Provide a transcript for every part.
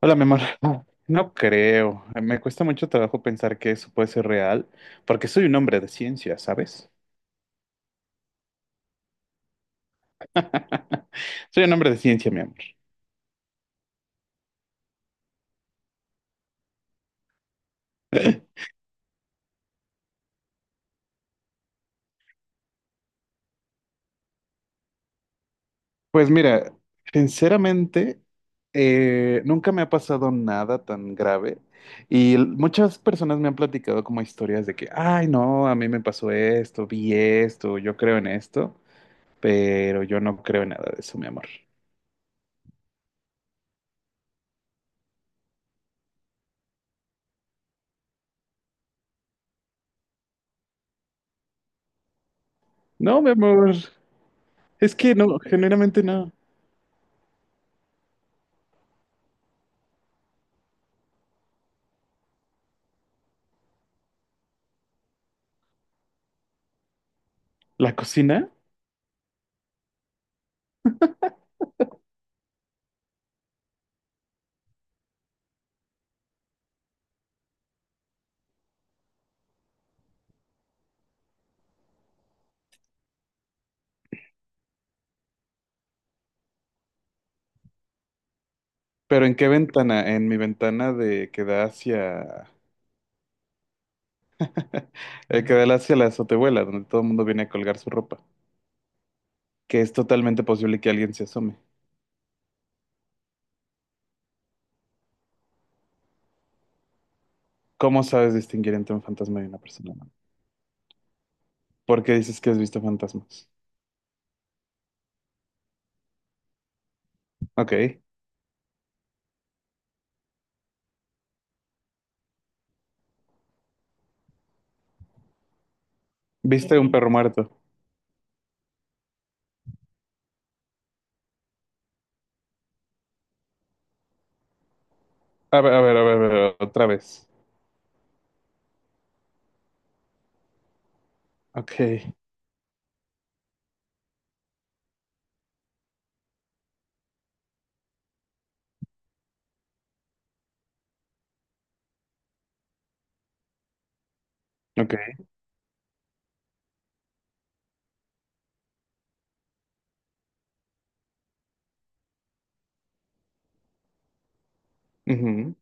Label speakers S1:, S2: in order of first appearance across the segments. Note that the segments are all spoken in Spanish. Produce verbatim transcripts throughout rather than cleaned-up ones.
S1: Hola, mi amor. Ah, No creo. Me cuesta mucho trabajo pensar que eso puede ser real, porque soy un hombre de ciencia, ¿sabes? Soy un hombre de ciencia, mi amor. Pues mira, sinceramente, eh, nunca me ha pasado nada tan grave y l- muchas personas me han platicado como historias de que, ay, no, a mí me pasó esto, vi esto, yo creo en esto, pero yo no creo en nada de eso, mi amor. No, mi amor, es que no, generalmente no. ¿La cocina? ¿Pero en qué ventana? En mi ventana de que da hacia, eh, que da hacia la azotehuela, donde todo el mundo viene a colgar su ropa, que es totalmente posible que alguien se asome. ¿Cómo sabes distinguir entre un fantasma y una persona? ¿Por qué dices que has visto fantasmas? Ok. ¿Viste un Eh, perro muerto? A ver, a ver, a ver, a ver, otra vez. Ok, ok. Ujú.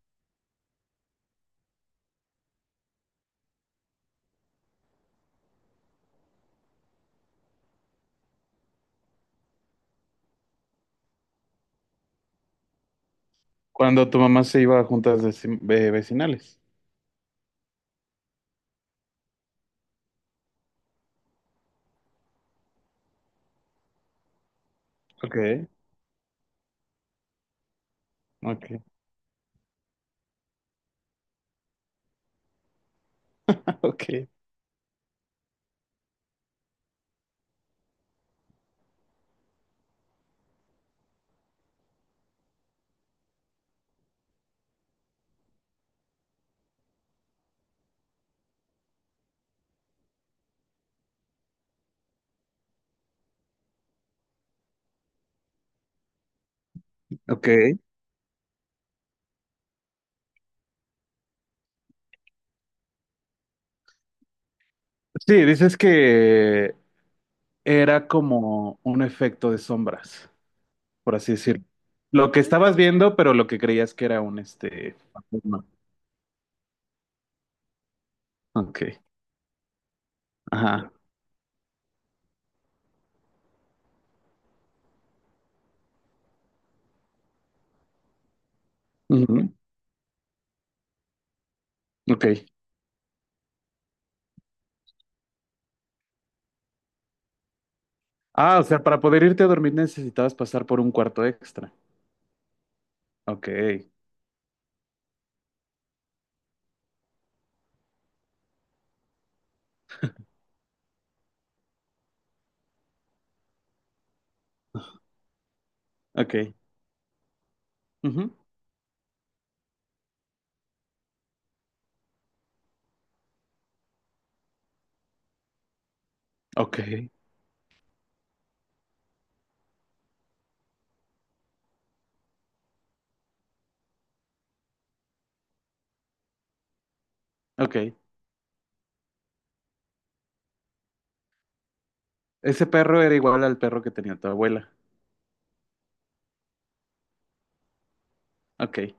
S1: Cuando tu mamá se iba a juntas veci- ve- vecinales. Ok, ok, ok. Ok. Sí, dices que era como un efecto de sombras, por así decirlo. Lo que estabas viendo, pero lo que creías que era un este. fantasma. Ok. Ajá. Ujú. Ok. Ah, o sea, para poder irte a dormir necesitabas pasar por un cuarto extra. Ok. Ok. Ujú. Ok. Ok. Ese perro era igual al perro que tenía tu abuela. Ok.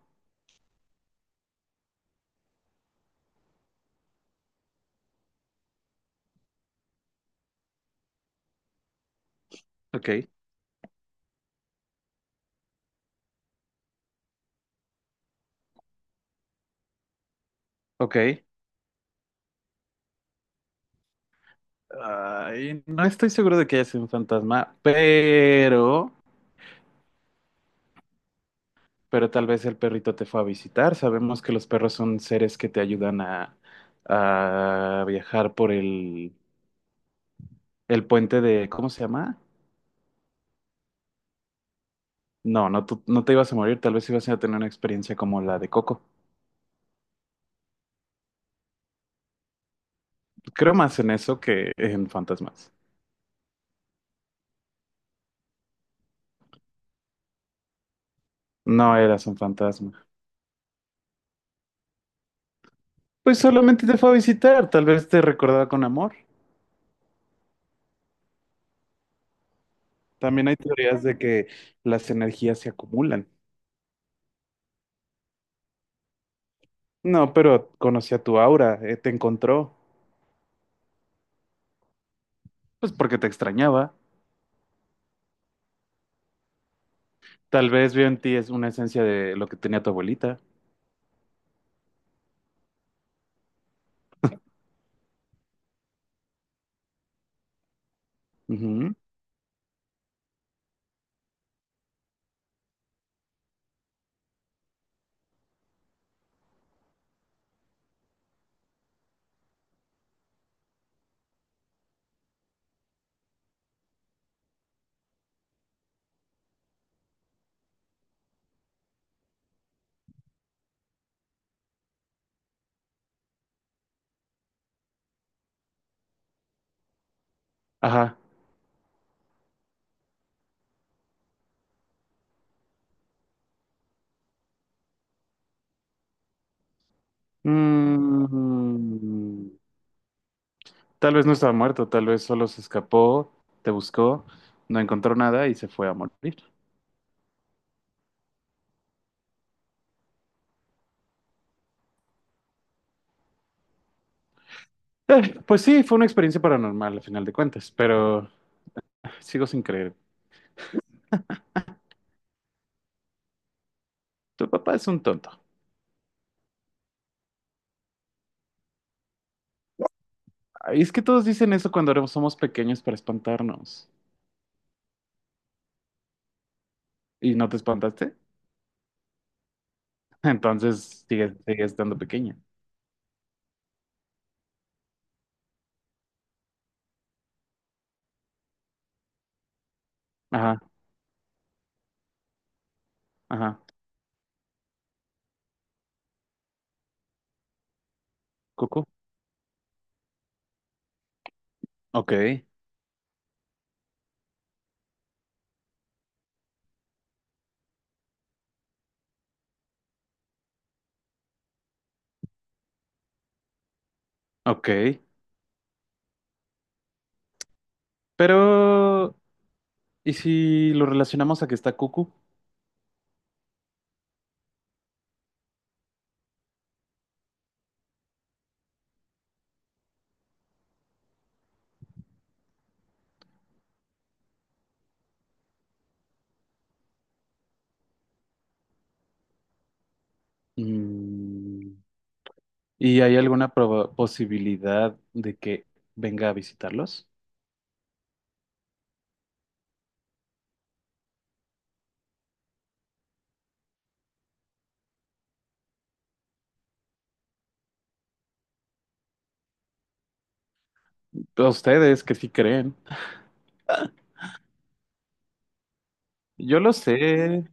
S1: Ok. Ok. Ay, no estoy seguro de que haya sido un fantasma, pero. Pero tal vez el perrito te fue a visitar. Sabemos que los perros son seres que te ayudan a, a viajar por el, el puente de, ¿cómo se llama? No, no, tú- no te ibas a morir, tal vez ibas a tener una experiencia como la de Coco. Creo más en eso que en fantasmas. No eras un fantasma. Pues solamente te fue a visitar, tal vez te recordaba con amor. También hay teorías de que las energías se acumulan. No, pero conocía tu aura, eh, te encontró, pues porque te extrañaba. Tal vez veo en ti es una esencia de lo que tenía tu abuelita. Ujú. Ajá. Mm, tal vez no estaba muerto, tal vez solo se escapó, te buscó, no encontró nada y se fue a morir. Eh, pues sí, fue una experiencia paranormal al final de cuentas, pero sigo sin creer. Tu papá es un tonto. Ay, es que todos dicen eso cuando éramos- somos pequeños para espantarnos. ¿Y no te espantaste? Entonces sigues, sigues estando pequeña. Ajá, ajá. Cucu. Ok, ok. Pero, ¿y si lo relacionamos a que está Cucu? Mm, ¿y hay alguna proba- posibilidad de que venga a visitarlos? A ustedes que sí creen. Yo lo sé.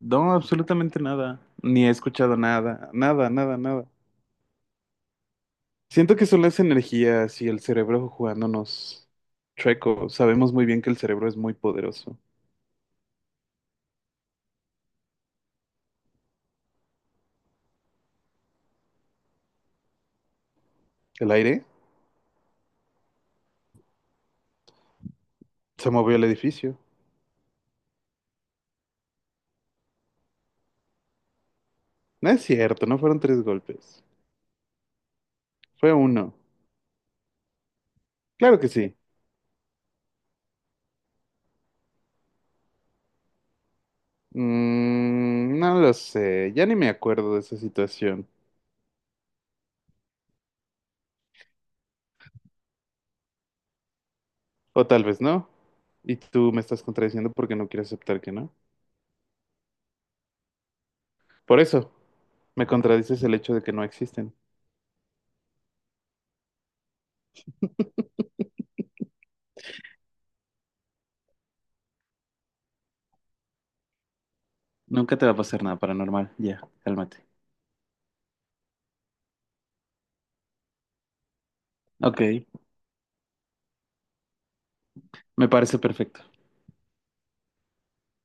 S1: No, absolutamente nada. Ni he escuchado nada. Nada, nada, nada. Siento que son las energías y el cerebro jugándonos chueco. Sabemos muy bien que el cerebro es muy poderoso. El aire se movió el edificio. No es cierto, no fueron tres golpes. Fue uno. Claro que sí. Mm, no lo sé, ya ni me acuerdo de esa situación. O tal vez no. Y tú me estás contradiciendo porque no quieres aceptar que no. Por eso, me contradices el hecho de que no existen. Nunca te va a pasar nada paranormal. Ya, cálmate. Ok, me parece perfecto.